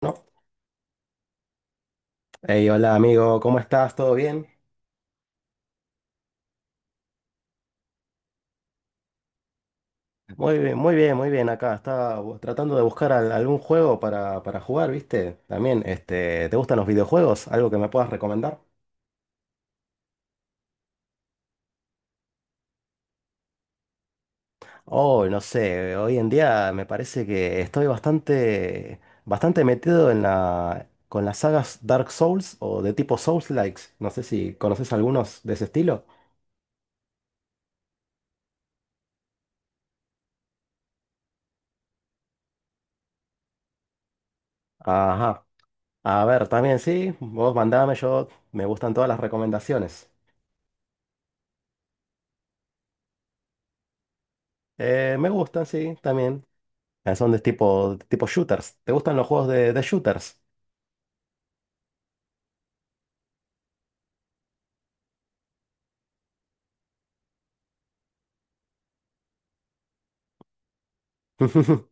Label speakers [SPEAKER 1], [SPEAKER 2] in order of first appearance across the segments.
[SPEAKER 1] ¿No? Hey, hola amigo, ¿cómo estás? ¿Todo bien? Muy bien, muy bien, muy bien. Acá estaba tratando de buscar algún juego para jugar, ¿viste? También, este, ¿te gustan los videojuegos? ¿Algo que me puedas recomendar? Oh, no sé, hoy en día me parece que estoy bastante metido en con las sagas Dark Souls o de tipo Souls-likes. No sé si conoces algunos de ese estilo. Ajá. A ver, también sí, vos mandame, yo me gustan todas las recomendaciones. Me gustan, sí, también. Ah, son de tipo, tipo shooters. ¿Te gustan los juegos de shooters?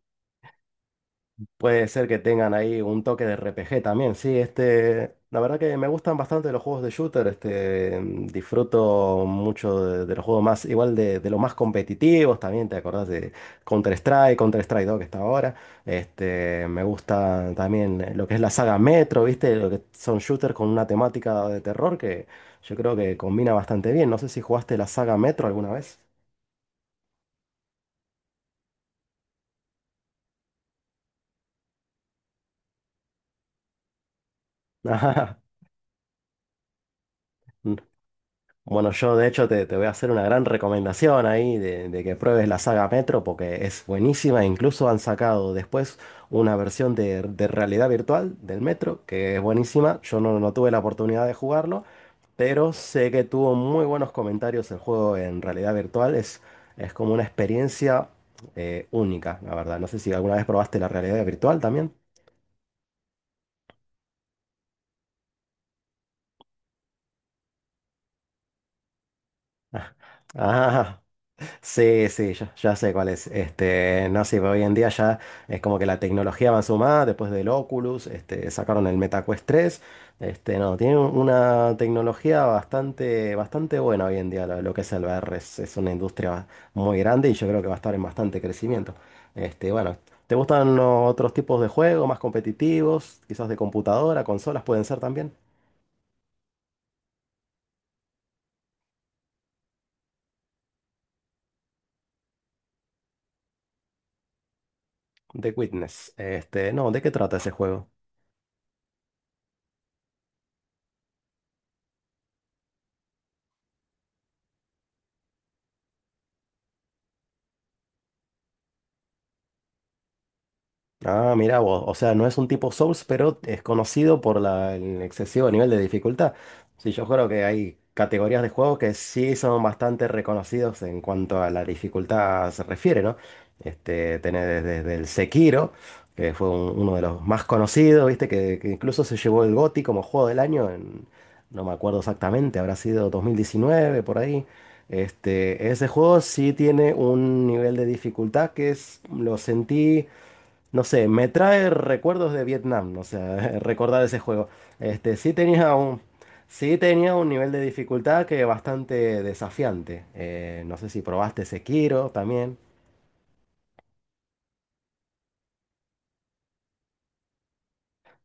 [SPEAKER 1] Puede ser que tengan ahí un toque de RPG también. Sí, este, la verdad que me gustan bastante los juegos de shooter. Este, disfruto mucho de los juegos más, igual de los más competitivos también. ¿Te acordás de Counter-Strike, Counter-Strike 2 que está ahora? Este, me gusta también lo que es la saga Metro, ¿viste? Lo que son shooters con una temática de terror que yo creo que combina bastante bien. No sé si jugaste la saga Metro alguna vez. Mm. Bueno, yo de hecho te voy a hacer una gran recomendación ahí de que pruebes la saga Metro porque es buenísima. Incluso han sacado después una versión de realidad virtual del Metro que es buenísima. Yo no tuve la oportunidad de jugarlo, pero sé que tuvo muy buenos comentarios el juego en realidad virtual. Es como una experiencia única, la verdad. No sé si alguna vez probaste la realidad virtual también. Ah, sí, sí, ya sé cuál es. Este, no sé, pero hoy en día ya es como que la tecnología avanzó más, después del Oculus, este, sacaron el MetaQuest 3. Este, no, tiene una tecnología bastante buena hoy en día lo que es el VR. Es una industria muy grande y yo creo que va a estar en bastante crecimiento. Este, bueno, ¿te gustan los otros tipos de juegos más competitivos? Quizás de computadora, consolas pueden ser también. The Witness. Este, no, ¿de qué trata ese juego? Ah, mira vos, o sea, no es un tipo Souls, pero es conocido por el excesivo nivel de dificultad. Sí, yo creo que hay categorías de juegos que sí son bastante reconocidos en cuanto a la dificultad se refiere, ¿no? Este, tenés desde el Sekiro, que fue uno de los más conocidos, ¿viste? Que incluso se llevó el GOTY como juego del año en- no me acuerdo exactamente, habrá sido 2019, por ahí. Este, ese juego sí tiene un nivel de dificultad que es, lo sentí. No sé, me trae recuerdos de Vietnam, o sea, recordar ese juego. Este, sí tenía un nivel de dificultad que bastante desafiante. No sé si probaste Sekiro también.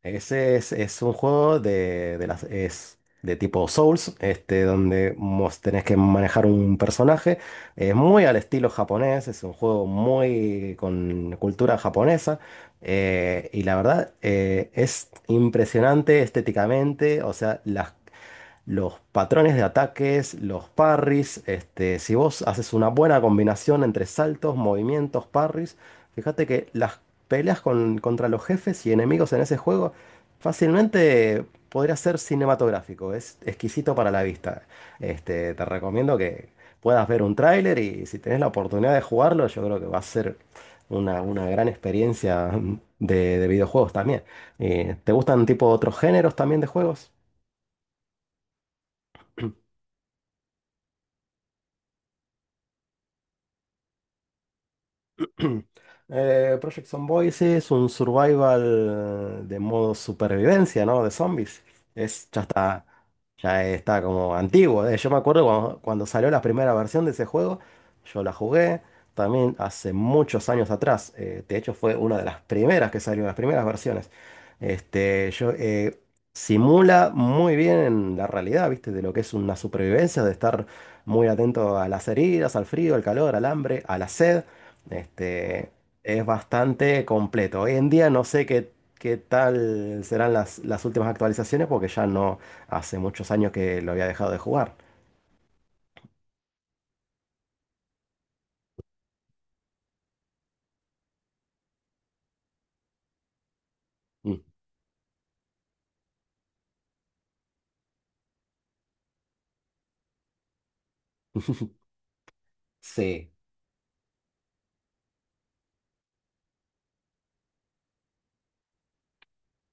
[SPEAKER 1] Ese es un juego de, es de tipo Souls, este, donde tenés que manejar un personaje. Es muy al estilo japonés, es un juego muy con cultura japonesa. Y la verdad, es impresionante estéticamente. O sea, las los patrones de ataques, los parries. Este, si vos haces una buena combinación entre saltos, movimientos, parries, fíjate que las peleas contra los jefes y enemigos en ese juego fácilmente podría ser cinematográfico. Es exquisito para la vista. Este, te recomiendo que puedas ver un tráiler y si tenés la oportunidad de jugarlo, yo creo que va a ser una gran experiencia de videojuegos también. ¿Te gustan tipo otros géneros también de juegos? Project Zomboid es un survival de modo supervivencia, ¿no? De zombies. Es, ya está como antiguo. Yo me acuerdo cuando salió la primera versión de ese juego, yo la jugué también hace muchos años atrás. De hecho, fue una de las primeras que salió, las primeras versiones. Este, yo, simula muy bien la realidad, ¿viste? De lo que es una supervivencia, de estar muy atento a las heridas, al frío, al calor, al hambre, a la sed. Este, es bastante completo. Hoy en día no sé qué tal serán las últimas actualizaciones porque ya no hace muchos años que lo había dejado de jugar. Mm. Sí.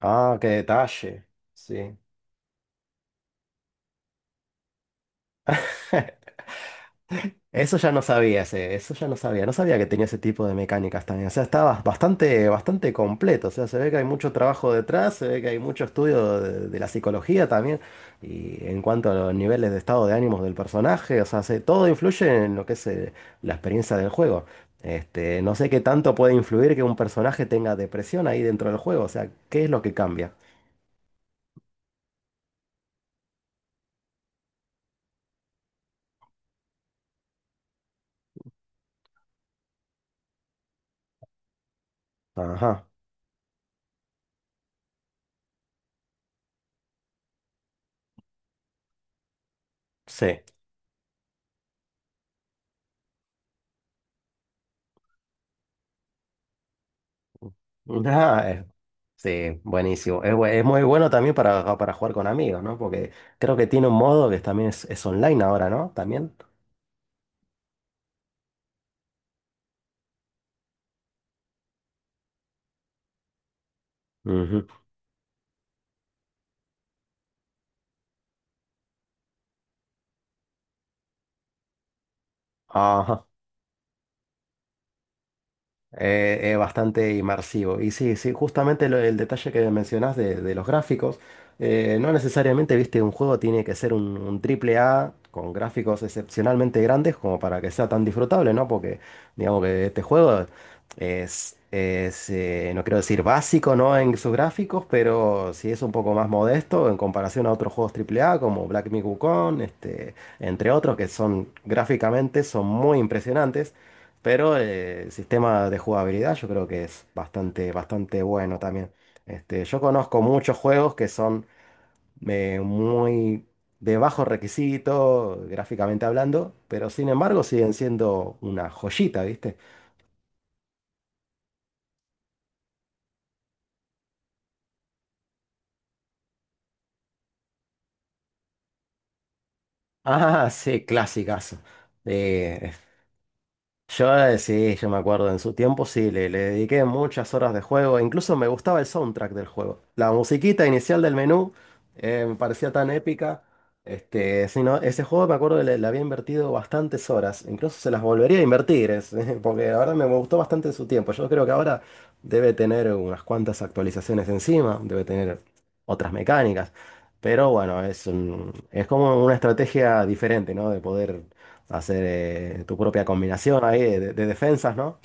[SPEAKER 1] Ah, qué detalle. Sí. Eso ya no sabía, eso ya no sabía, no sabía que tenía ese tipo de mecánicas también. O sea, estaba bastante completo. O sea, se ve que hay mucho trabajo detrás, se ve que hay mucho estudio de la psicología también. Y en cuanto a los niveles de estado de ánimos del personaje, o sea, todo influye en lo que es la experiencia del juego. Este, no sé qué tanto puede influir que un personaje tenga depresión ahí dentro del juego. O sea, ¿qué es lo que cambia? Ajá, sí. Sí, buenísimo. Es, es muy bueno también para jugar con amigos, ¿no? Porque creo que tiene un modo que también es online ahora, ¿no? También. Ujú. Ajá. Bastante inmersivo. Y sí, sí, justamente el detalle que mencionás de los gráficos, no necesariamente, viste, un juego tiene que ser un triple A con gráficos excepcionalmente grandes como para que sea tan disfrutable, ¿no? Porque digamos que este juego no quiero decir básico, ¿no? En sus gráficos, pero sí es un poco más modesto en comparación a otros juegos triple A como Black Myth Wukong, este, entre otros que son gráficamente son muy impresionantes. Pero el sistema de jugabilidad yo creo que es bastante bueno también. Este, yo conozco muchos juegos que son muy de bajo requisito, gráficamente hablando, pero sin embargo siguen siendo una joyita, ¿viste? Ah, sí, clasicas. Yo sí, yo me acuerdo, en su tiempo sí, le dediqué muchas horas de juego, incluso me gustaba el soundtrack del juego. La musiquita inicial del menú me parecía tan épica. Este, sí, no, ese juego me acuerdo que le había invertido bastantes horas, incluso se las volvería a invertir, porque la verdad me gustó bastante en su tiempo. Yo creo que ahora debe tener unas cuantas actualizaciones encima, debe tener otras mecánicas, pero bueno, es, es como una estrategia diferente, ¿no? De poder hacer tu propia combinación ahí de, de defensas, ¿no?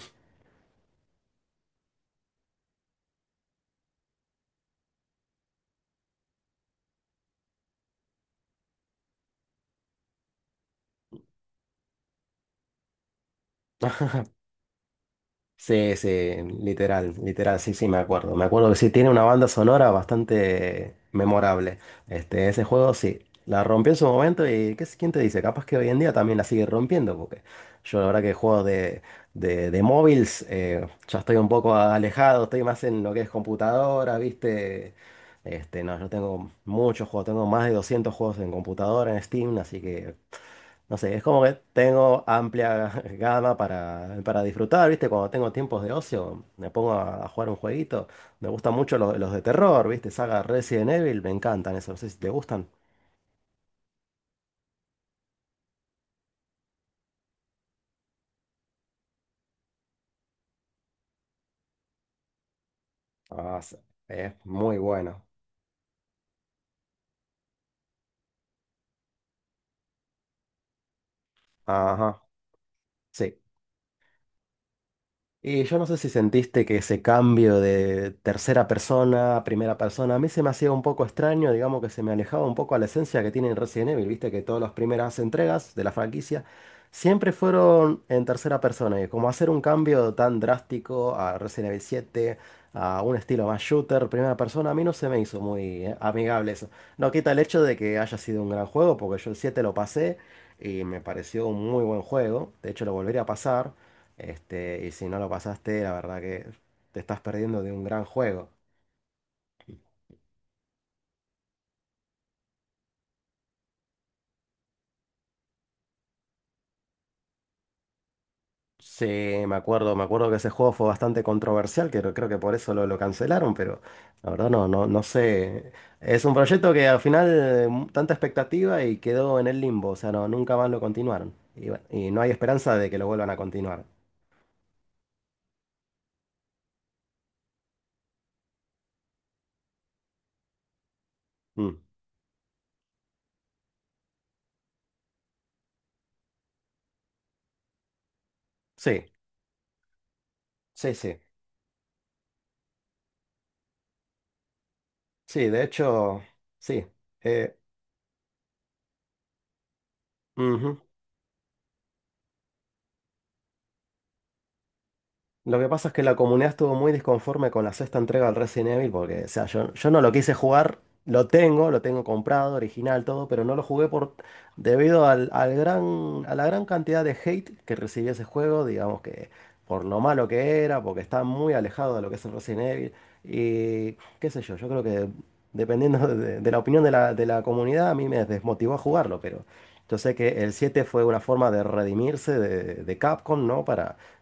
[SPEAKER 1] Sí, sí, literal, literal, sí, sí, me acuerdo. Me acuerdo que sí, tiene una banda sonora bastante memorable. Este, ese juego sí, la rompió en su momento y ¿qué, quién te dice? Capaz que hoy en día también la sigue rompiendo, porque yo la verdad que juego de móviles, ya estoy un poco alejado, estoy más en lo que es computadora, ¿viste? Este, no, yo tengo muchos juegos, tengo más de 200 juegos en computadora, en Steam, así que, no sé, es como que tengo amplia gama para disfrutar, ¿viste? Cuando tengo tiempos de ocio, me pongo a jugar un jueguito. Me gustan mucho los de terror, ¿viste? Saga Resident Evil, me encantan esos, no sé si te gustan. Ah, sí, es muy bueno. Ajá, sí. Y yo no sé si sentiste que ese cambio de tercera persona a primera persona, a mí se me hacía un poco extraño, digamos que se me alejaba un poco a la esencia que tiene Resident Evil, viste que todas las primeras entregas de la franquicia siempre fueron en tercera persona, y como hacer un cambio tan drástico a Resident Evil 7 a un estilo más shooter, primera persona, a mí no se me hizo muy amigable eso. No quita el hecho de que haya sido un gran juego, porque yo el 7 lo pasé y me pareció un muy buen juego, de hecho lo volvería a pasar. Este, y si no lo pasaste, la verdad que te estás perdiendo de un gran juego. Sí, me acuerdo que ese juego fue bastante controversial, que creo que por eso lo cancelaron, pero la verdad no, no, no sé. Es un proyecto que al final tanta expectativa y quedó en el limbo, o sea, no, nunca más lo continuaron. Y bueno, y no hay esperanza de que lo vuelvan a continuar. Mm. Sí, sí, sí. Sí, de hecho, sí. Eh, ujú. Lo que pasa es que la comunidad estuvo muy disconforme con la sexta entrega del Resident Evil porque, o sea, yo no lo quise jugar, lo tengo comprado, original, todo, pero no lo jugué por, debido al, al gran, a la gran cantidad de hate que recibió ese juego, digamos que por lo malo que era, porque está muy alejado de lo que es el Resident Evil y qué sé yo, yo creo que dependiendo de la opinión de de la comunidad a mí me desmotivó a jugarlo, pero yo sé que el 7 fue una forma de redimirse de Capcom, ¿no?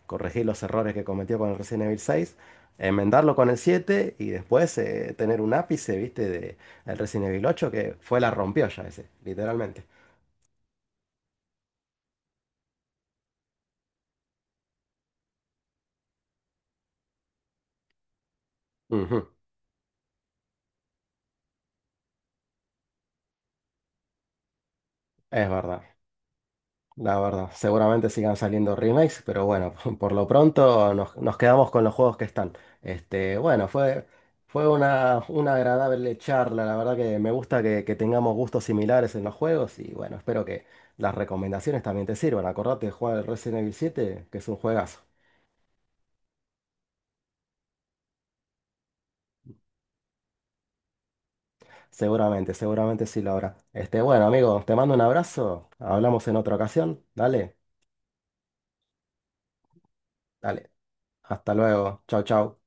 [SPEAKER 1] Corregir los errores que cometió con el Resident Evil 6, enmendarlo con el 7 y después tener un ápice, viste, de el Resident Evil 8 que fue la rompió ya ese, literalmente. Ujú. Es verdad, la verdad. Seguramente sigan saliendo remakes, pero bueno, por lo pronto nos, nos quedamos con los juegos que están. Este, bueno, fue, fue una agradable charla. La verdad que me gusta que tengamos gustos similares en los juegos y bueno, espero que las recomendaciones también te sirvan. Acordate de jugar el Resident Evil 7, que es un juegazo. Seguramente, seguramente sí, Laura. Este, bueno, amigo, te mando un abrazo. Hablamos en otra ocasión. Dale, dale. Hasta luego. Chau, chau.